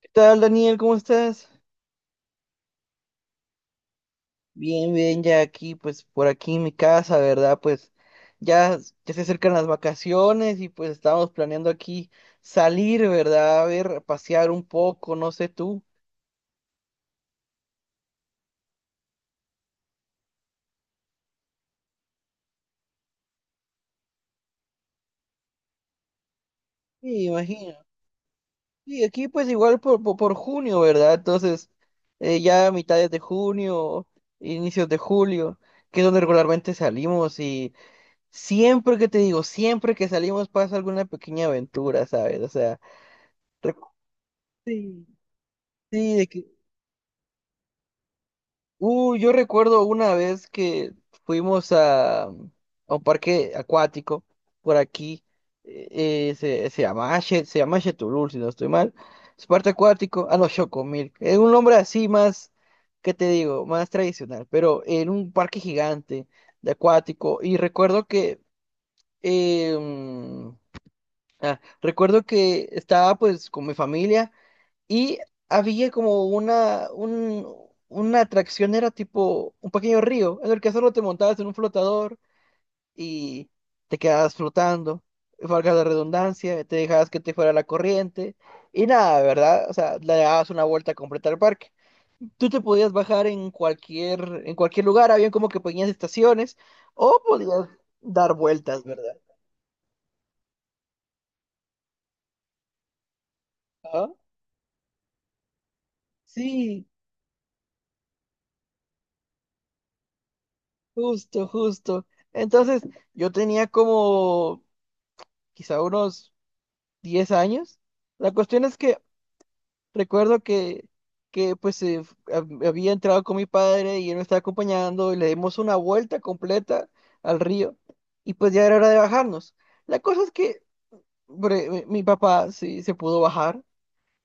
¿Qué tal, Daniel? ¿Cómo estás? Bien, bien, ya aquí, pues por aquí en mi casa, ¿verdad? Pues ya, ya se acercan las vacaciones y pues estamos planeando aquí salir, ¿verdad? A ver, pasear un poco, no sé tú. Sí, imagino. Y aquí pues igual por junio, ¿verdad? Entonces, ya a mitades de junio, inicios de julio, que es donde regularmente salimos y siempre que te digo, siempre que salimos pasa alguna pequeña aventura, ¿sabes? O sea, recu- sí, sí, de que. Yo recuerdo una vez que fuimos a un parque acuático por aquí, se llama se llama Chetulul, si no estoy mal. Es parque acuático, ah no, Chocomil, es un nombre así más, ¿qué te digo? Más tradicional, pero en un parque gigante de acuático. Y recuerdo que, eh, mm, recuerdo que estaba pues con mi familia. Y había como una atracción, era tipo un pequeño río, en el que solo te montabas en un flotador y te quedabas flotando, valga la redundancia, te dejabas que te fuera la corriente y nada, ¿verdad? O sea, le dabas una vuelta completa al parque. Tú te podías bajar en cualquier lugar, había como que pequeñas estaciones o podías dar vueltas, ¿verdad? Ah, sí, justo, justo. Entonces, yo tenía como quizá unos 10 años. La cuestión es que recuerdo que pues había entrado con mi padre y él me estaba acompañando y le dimos una vuelta completa al río y pues ya era hora de bajarnos. La cosa es que mi papá sí se pudo bajar,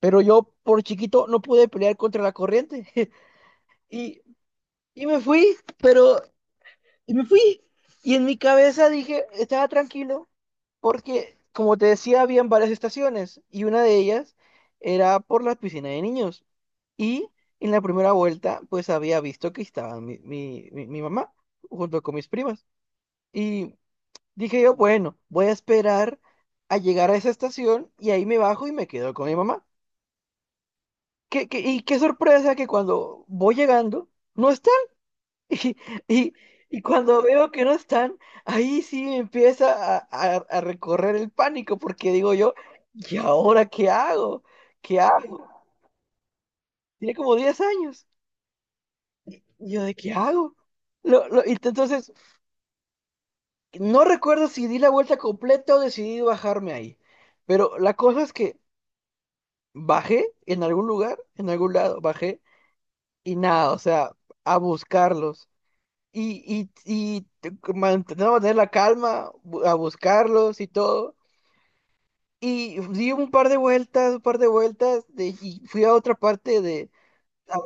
pero yo por chiquito no pude pelear contra la corriente y, y me fui, pero y me fui. Y en mi cabeza dije, estaba tranquilo, porque, como te decía, habían varias estaciones y una de ellas era por la piscina de niños. Y en la primera vuelta, pues había visto que estaba mi mamá junto con mis primas. Y dije yo, bueno, voy a esperar a llegar a esa estación y ahí me bajo y me quedo con mi mamá. ¿Y qué sorpresa que cuando voy llegando, no está. Y, y- y cuando veo que no están, ahí sí empieza a recorrer el pánico, porque digo yo, ¿y ahora qué hago? ¿Qué hago? Tiene como 10 años. Y yo, ¿de qué hago? Y entonces, no recuerdo si di la vuelta completa o decidí bajarme ahí. Pero la cosa es que bajé en algún lugar, en algún lado, bajé y nada, o sea, a buscarlos. Y, no, mantener la calma, a buscarlos y todo. Y di un par de vueltas, un par de vueltas, y fui a otra parte de... a-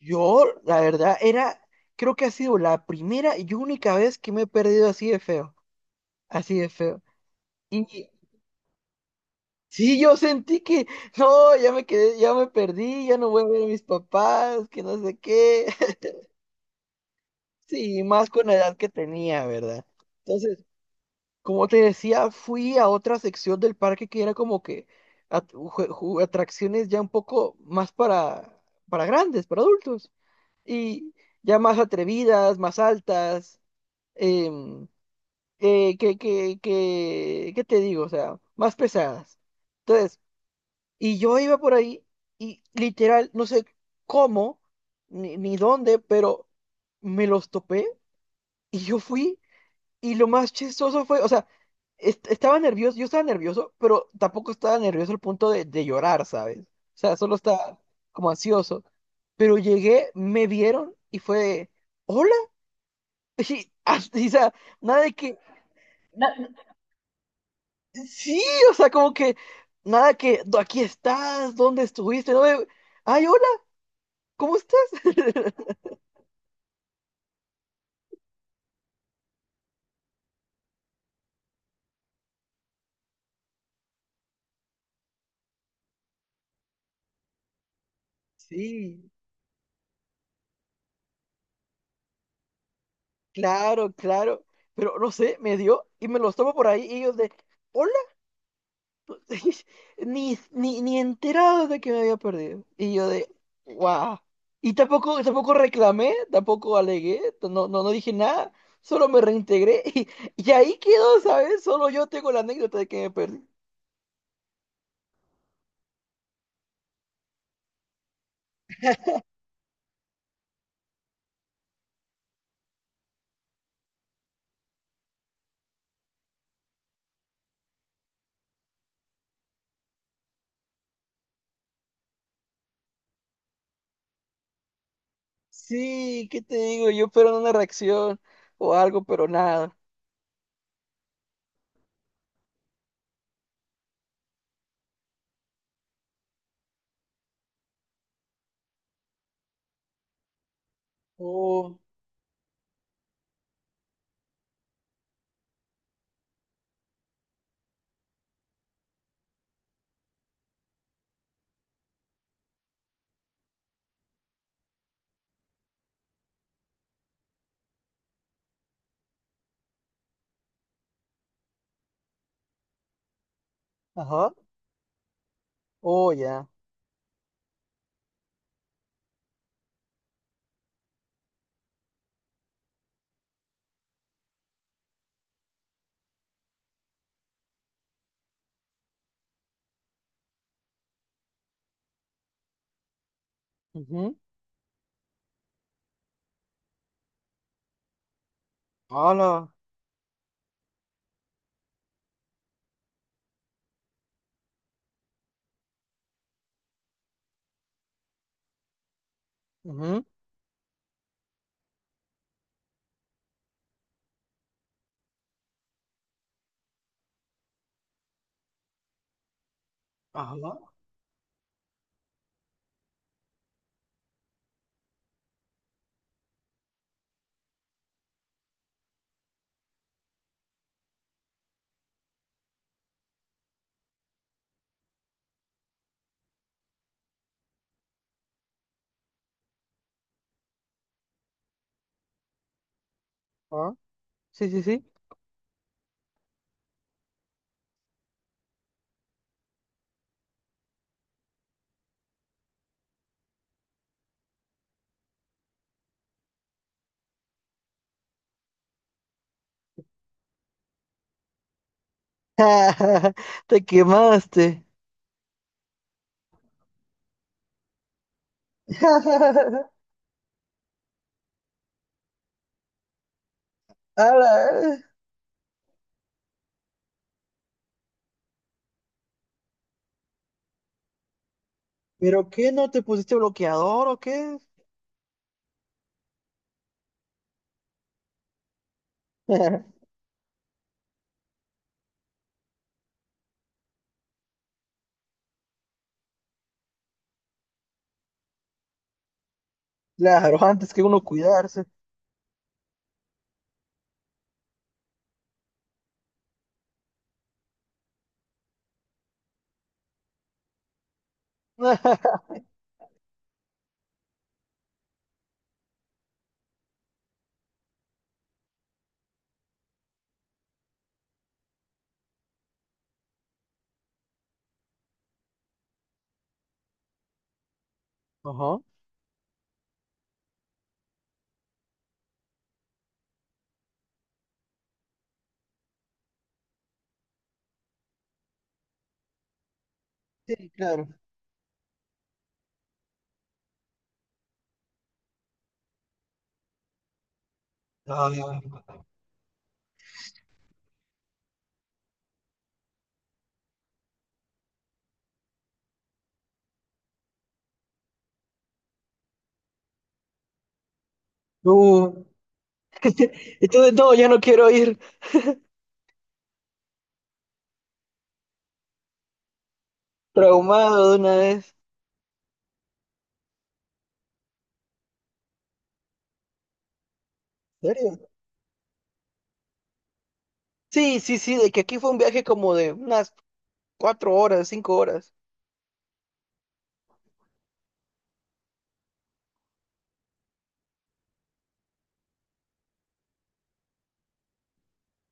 Yo, la verdad, era, creo que ha sido la primera y única vez que me he perdido así de feo, así de feo. Y sí, yo sentí que, no, ya me quedé, ya me perdí, ya no voy a ver a mis papás, que no sé qué. Sí, más con la edad que tenía, ¿verdad? Entonces, como te decía, fui a otra sección del parque que era como que atracciones ya un poco más para grandes, para adultos, y ya más atrevidas, más altas, em, ¿qué te digo? O sea, más pesadas. Entonces, y yo iba por ahí y literal, no sé cómo, ni dónde, pero me los topé y yo fui. Y lo más chistoso fue, o sea, estaba nervioso, yo estaba nervioso, pero tampoco estaba nervioso al punto de llorar, ¿sabes? O sea, solo estaba como ansioso. Pero llegué, me vieron y fue, de, hola. O sea, nada de que, sí, o sea, como que, nada que, "Do- aquí estás, ¿dónde estuviste? No, de, ay, hola, ¿cómo estás? Sí, claro, claro. Pero no sé, me dio y me los tomo por ahí y ellos de, hola. Ni enterado de que me había perdido. Y yo de, wow. Y tampoco, tampoco reclamé, tampoco alegué, no dije nada, solo me reintegré y ahí quedó, ¿sabes? Solo yo tengo la anécdota de que me perdí. Sí, ¿qué te digo? Yo espero una reacción o algo, pero nada. Oh, ajá, oh, ya. Ujú. Hola. Ujú. Ajá. Ah, sí, sí, sí. Te quemaste. Ala. ¿Pero qué? ¿No te pusiste bloqueador o qué? Claro, antes que uno cuidarse. Ajá. Sí, claro. Ay, ay, uh, entonces no, ya no quiero ir traumado de una vez. ¿En serio? Sí, sí, sí, de que aquí fue un viaje como de unas cuatro horas, cinco horas.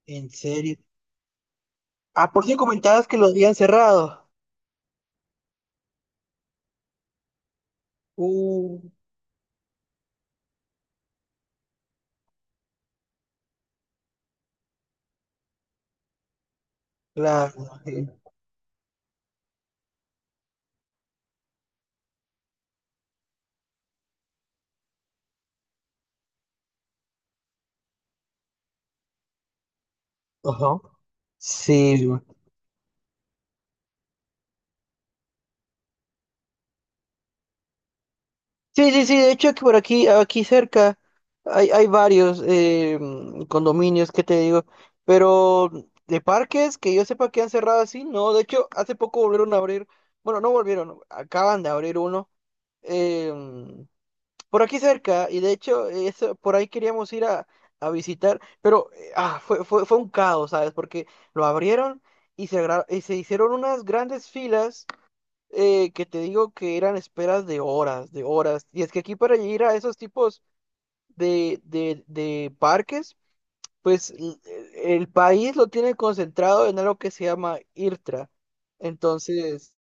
¿En serio? Ah, por si comentabas que lo habían cerrado. Uh, claro. Sí. Ajá. Sí, sí, sí, sí, de hecho que por aquí, aquí cerca hay, hay varios condominios que te digo, pero de parques que yo sepa que han cerrado así, no, de hecho hace poco volvieron a abrir, bueno, no volvieron, acaban de abrir uno eh, mm, por aquí cerca y de hecho eso, por ahí queríamos ir a visitar, pero fue un caos, ¿sabes? Porque lo abrieron y se hicieron unas grandes filas que te digo que eran esperas de horas, de horas. Y es que aquí para ir a esos tipos de parques, pues el país lo tiene concentrado en algo que se llama IRTRA. Entonces,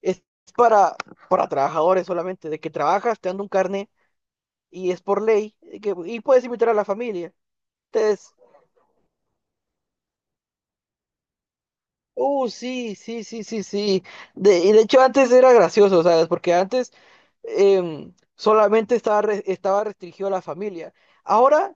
es para, para trabajadores solamente, de que trabajas, te dan un carnet y es por ley, y, que, y puedes invitar a la familia. Entonces, uh, sí, sí, sí, sí, sí. De, y de hecho antes era gracioso, ¿sabes? Porque antes solamente estaba, estaba restringido a la familia. Ahora,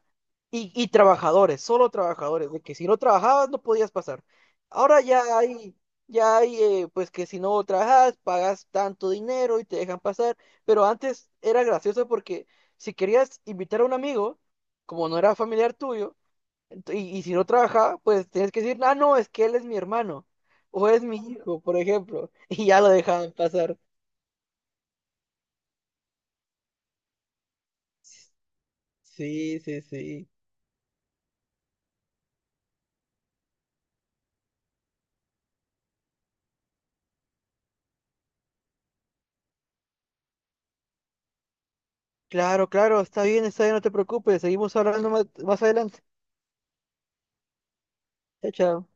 y trabajadores, solo trabajadores, de que si no trabajabas no podías pasar. Ahora ya hay, pues que si no trabajas, pagas tanto dinero y te dejan pasar. Pero antes era gracioso porque si querías invitar a un amigo, como no era familiar tuyo, Y si no trabaja, pues tienes que decir, ah, no, es que él es mi hermano o es mi hijo, por ejemplo, y ya lo dejaban pasar. Sí, sí, sí. Claro, claro, está bien, no te preocupes, seguimos hablando más, más adelante. Chao, chao.